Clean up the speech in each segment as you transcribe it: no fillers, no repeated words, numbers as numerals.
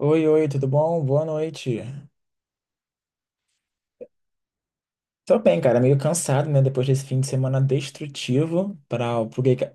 Oi, oi, tudo bom? Boa noite. Tô bem, cara, meio cansado, né? Depois desse fim de semana destrutivo para o pro gay.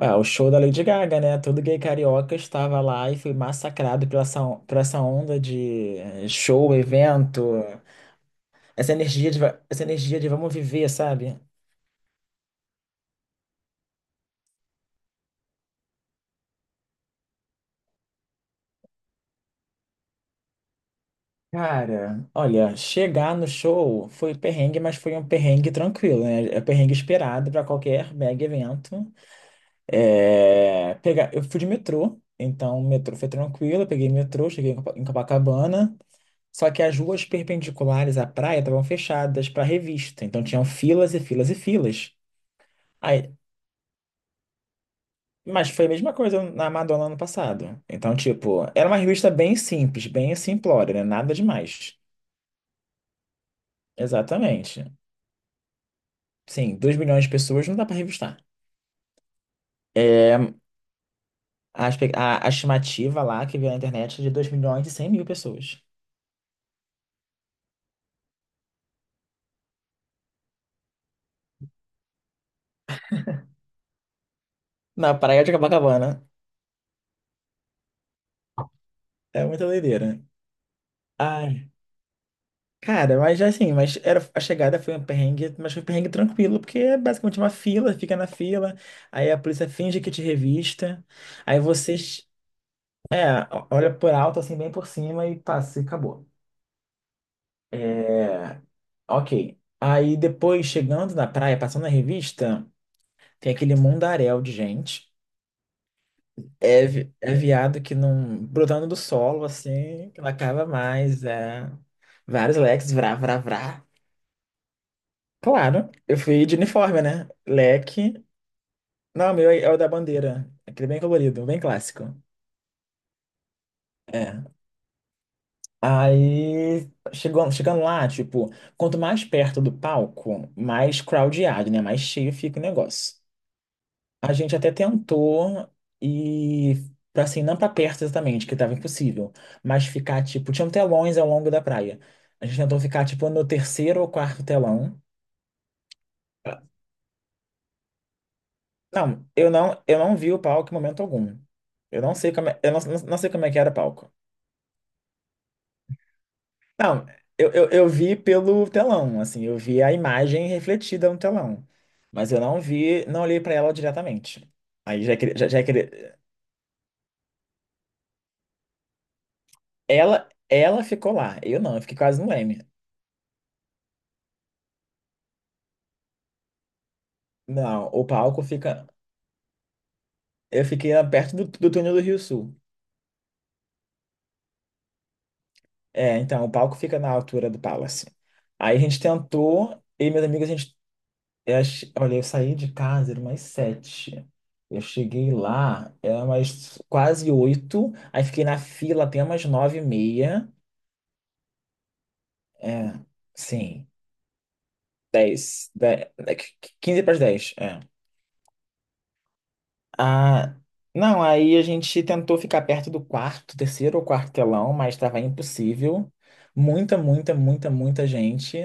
Ué, o show da Lady Gaga, né? Todo gay carioca estava lá e foi massacrado por essa onda de show, evento, essa energia de vamos viver, sabe? Cara, olha, chegar no show foi perrengue, mas foi um perrengue tranquilo, né? É perrengue esperado para qualquer mega evento. É, eu fui de metrô, então o metrô foi tranquilo, eu peguei metrô, cheguei em em Copacabana, só que as ruas perpendiculares à praia estavam fechadas para revista, então tinham filas e filas e filas. Aí, mas foi a mesma coisa na Madonna ano passado. Então, tipo, era uma revista bem simples, bem simplória, né? Nada demais. Exatamente. Sim, 2 milhões de pessoas não dá para revistar. É, a, espe- a estimativa lá que veio na internet é de 2,1 milhões pessoas. Na praia de Copacabana. É muita doideira. Ai, cara, mas já assim, mas era, a chegada foi um perrengue, mas foi um perrengue tranquilo, porque é basicamente uma fila, fica na fila, aí a polícia finge que te revista, aí vocês, é, olha por alto, assim, bem por cima e passa, e acabou. É, ok. Aí depois, chegando na praia, passando na revista, tem aquele mundaréu de gente. É viado que não, brotando do solo, assim, que não acaba mais. É, vários leques, vrá, vrá, vrá. Claro, eu fui de uniforme, né? Leque. Não, o meu é o da bandeira. Aquele bem colorido, bem clássico. É. Aí, chegando lá, tipo, quanto mais perto do palco, mais crowdado, né? Mais cheio fica o negócio. A gente até tentou ir, pra, assim, não pra perto exatamente, que tava impossível, mas ficar, tipo, tinham telões ao longo da praia. A gente tentou ficar, tipo, no terceiro ou quarto telão. Não, eu não vi o palco em momento algum. Eu não sei como é, eu não, não- não sei como é que era o palco. Não, eu vi pelo telão, assim, eu vi a imagem refletida no telão. Mas eu não vi, não olhei pra ela diretamente. Aí já queria, já, já queria, ela ficou lá, eu fiquei quase no Leme. Não, o palco fica, Eu fiquei lá perto do túnel do Rio Sul. É, então, o palco fica na altura do Palace. Aí a gente tentou, eu e meus amigos, a gente. Olha, eu saí de casa, era umas sete. Eu cheguei lá, era umas quase oito. Aí fiquei na fila até umas nove e meia. É, sim. Dez. Quinze para as dez. É. Ah, não, aí a gente tentou ficar perto do quarto, terceiro ou quartelão, mas estava impossível. Muita, muita, muita, muita gente.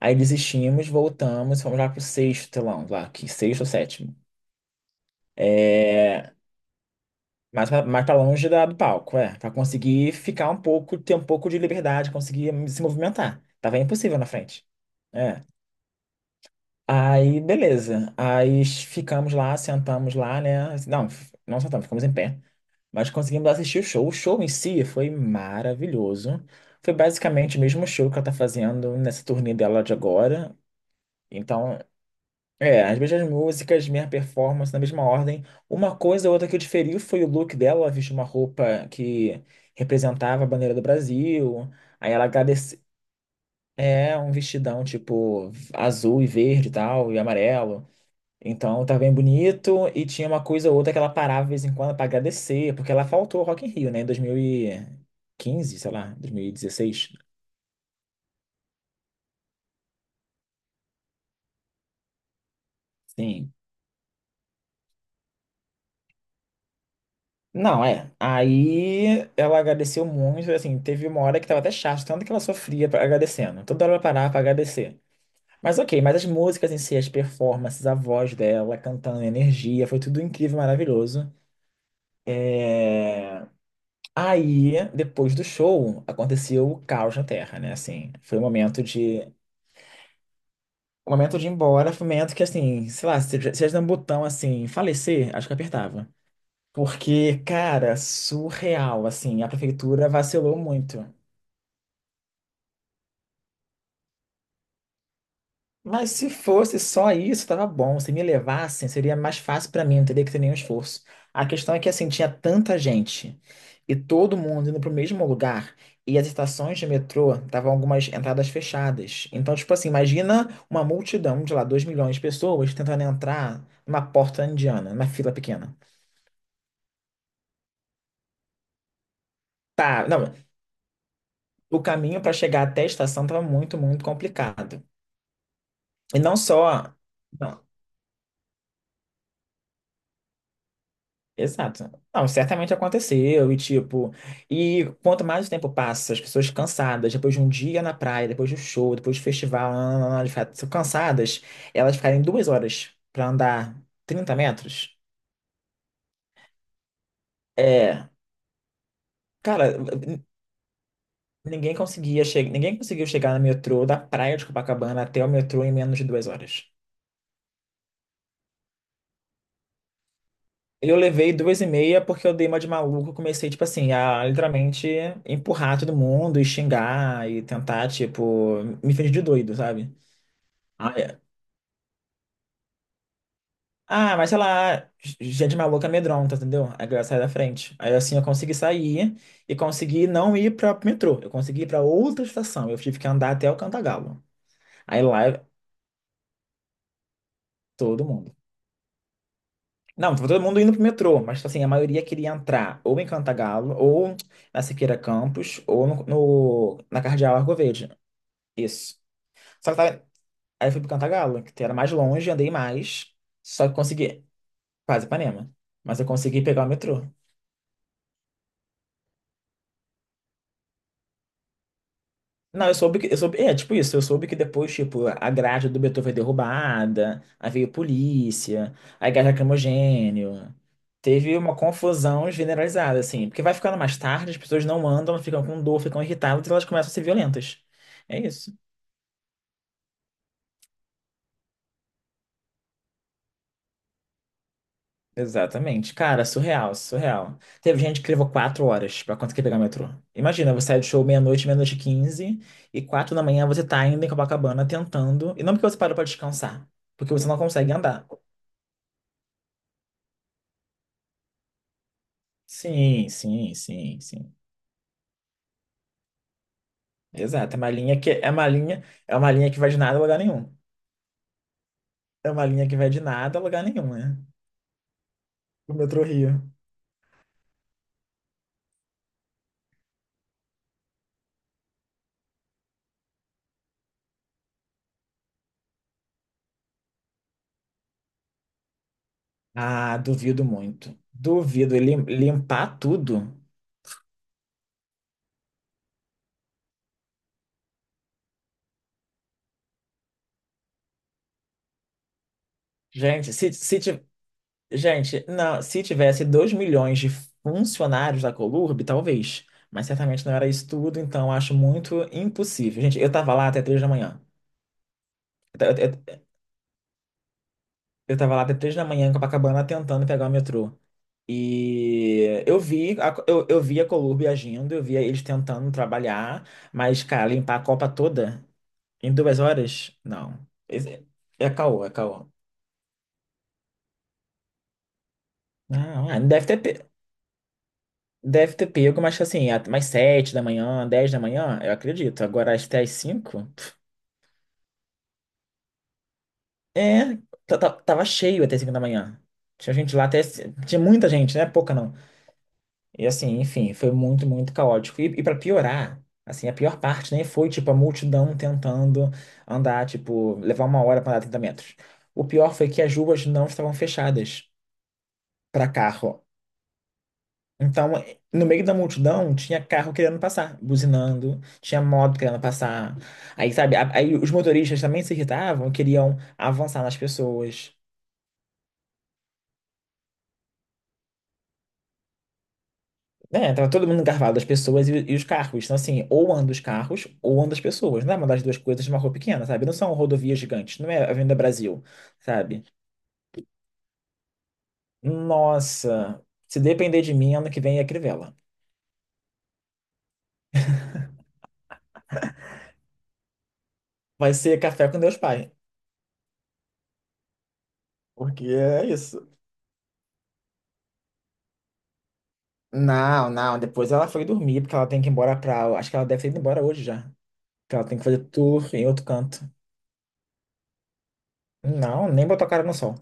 Aí desistimos, voltamos, fomos lá pro sexto telão, lá, que sexto ou sétimo. Mais pra longe do palco, é. Pra conseguir ficar um pouco, ter um pouco de liberdade, conseguir se movimentar. Tava impossível na frente. É. Aí, beleza. Aí ficamos lá, sentamos lá, né? Não, não sentamos, ficamos em pé. Mas conseguimos assistir o show. O show em si foi maravilhoso. Foi basicamente o mesmo show que ela tá fazendo nessa turnê dela de agora. Então, as mesmas músicas, minha performance na mesma ordem. Uma coisa ou outra que eu diferi foi o look dela. Ela vestiu uma roupa que representava a bandeira do Brasil. Aí ela agradeceu. É, um vestidão tipo azul e verde e tal, e amarelo. Então tá bem bonito. E tinha uma coisa ou outra que ela parava de vez em quando pra agradecer, porque ela faltou ao Rock in Rio, né, em 2015, sei lá, 2016. Sim, não, é. Aí ela agradeceu muito, assim, teve uma hora que tava até chato, tanto que ela sofria agradecendo. Toda hora ela parava pra agradecer. Mas ok, mas as músicas em si, as performances, a voz dela, cantando, a energia, foi tudo incrível, maravilhoso. Aí, depois do show, aconteceu o caos na Terra, né? Assim, foi o momento de. O momento de ir embora foi o momento que, assim, sei lá, se tivesse um botão assim, falecer, acho que apertava. Porque, cara, surreal, assim, a prefeitura vacilou muito. Mas se fosse só isso, tava bom. Se me levassem, seria mais fácil pra mim, não teria que ter nenhum esforço. A questão é que, assim, tinha tanta gente e todo mundo indo pro mesmo lugar e as estações de metrô estavam algumas entradas fechadas. Então, tipo assim, imagina uma multidão de lá, 2 milhões de pessoas tentando entrar numa porta indiana, numa fila pequena. Tá, não, o caminho para chegar até a estação tava muito, muito complicado. E não só. Exato. Não, certamente aconteceu, e tipo, e quanto mais o tempo passa, as pessoas cansadas, depois de um dia na praia, depois do show, depois do festival, nananana, de fato, são cansadas, elas ficarem 2 horas pra andar 30 metros. É, cara, ninguém conseguia chegar, ninguém conseguiu chegar no metrô da praia de Copacabana até o metrô em menos de 2 horas. Eu levei duas e meia porque eu dei uma de maluco. Comecei, tipo assim, a literalmente empurrar todo mundo e xingar e tentar, tipo, me fingir de doido, sabe? Ah, é. Ah, mas sei lá, gente maluca amedronta, entendeu? Aí a galera sai da frente. Aí assim eu consegui sair e consegui não ir pra metrô. Eu consegui ir pra outra estação. Eu tive que andar até o Cantagalo. Aí lá todo mundo. Não, tava todo mundo indo pro metrô, mas tipo assim, a maioria queria entrar ou em Cantagalo, ou na Siqueira Campos, ou no, no- na Cardeal Arcoverde. Isso. Só que tava- Aí eu fui pro Cantagalo, que era mais longe, andei mais, só que consegui, quase Ipanema, mas eu consegui pegar o metrô. Não, eu soube que. Eu soube, é, tipo isso, eu soube que depois, tipo, a grade do Beethoven foi derrubada, aí veio polícia, aí gás lacrimogênio. Teve uma confusão generalizada, assim. Porque vai ficando mais tarde, as pessoas não andam, ficam com dor, ficam irritadas e elas começam a ser violentas. É isso. Exatamente. Cara, surreal, surreal. Teve gente que levou 4 horas pra conseguir pegar o metrô. Imagina, você sai do show meia-noite, meia-noite e quinze, e quatro da manhã você tá ainda em Copacabana tentando. E não porque você parou pra descansar, porque você não consegue andar. Sim, sim, sim, sim. Exato. É uma linha que é uma linha que vai de nada a lugar nenhum. É uma linha que vai de nada a lugar nenhum, né? O metrô Rio. Ah, duvido muito. Duvido ele limpar tudo. Gente, se, se ti- Gente, não, se tivesse 2 milhões de funcionários da Colurb, talvez, mas certamente não era isso tudo, então acho muito impossível. Gente, eu tava lá até 3 da manhã. Eu, ta- eu, eu tava lá até três da manhã em Copacabana tentando pegar o metrô. E eu vi a Columbia agindo, eu via eles tentando trabalhar, mas, cara, limpar a Copa toda em 2 horas? Não. É, é caô, é caô. Não, é, deve ter pego, mas assim, mais sete da manhã, dez da manhã, eu acredito. Agora até às cinco? É, tava cheio até 5 da manhã. Tinha gente lá até. C- Tinha muita gente, não é pouca não. E assim, enfim, foi muito, muito caótico. E para piorar, assim, a pior parte nem foi, tipo, a multidão tentando andar, tipo, levar uma hora para andar 30 metros. O pior foi que as ruas não estavam fechadas para carro. Então, no meio da multidão, tinha carro querendo passar, buzinando, tinha moto querendo passar. Aí, sabe, aí os motoristas também se irritavam, queriam avançar nas pessoas. É, tava todo mundo engarrafado, as pessoas e os carros. Então, assim, ou anda os carros, ou anda as pessoas. Não é uma das duas coisas de uma rua pequena, sabe? Não são rodovias gigantes, não é a Avenida Brasil, sabe? Nossa, se depender de mim, ano que vem é Crivella. Vai ser café com Deus Pai. Porque é isso. Não, não, depois ela foi dormir, porque ela tem que ir embora pra. Acho que ela deve ter ido embora hoje já. Que ela tem que fazer tour em outro canto. Não, nem botou a cara no sol.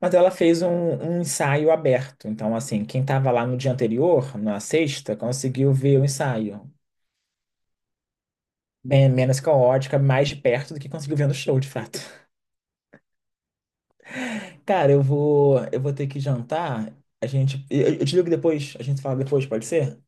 Mas ela fez um ensaio aberto. Então, assim, quem estava lá no dia anterior, na sexta, conseguiu ver o ensaio. Bem menos caótica, mais de perto do que conseguiu ver no show, de fato. Cara, eu vou ter que jantar. Eu te ligo depois, a gente fala depois, pode ser?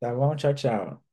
Tá bom? Tchau, tchau.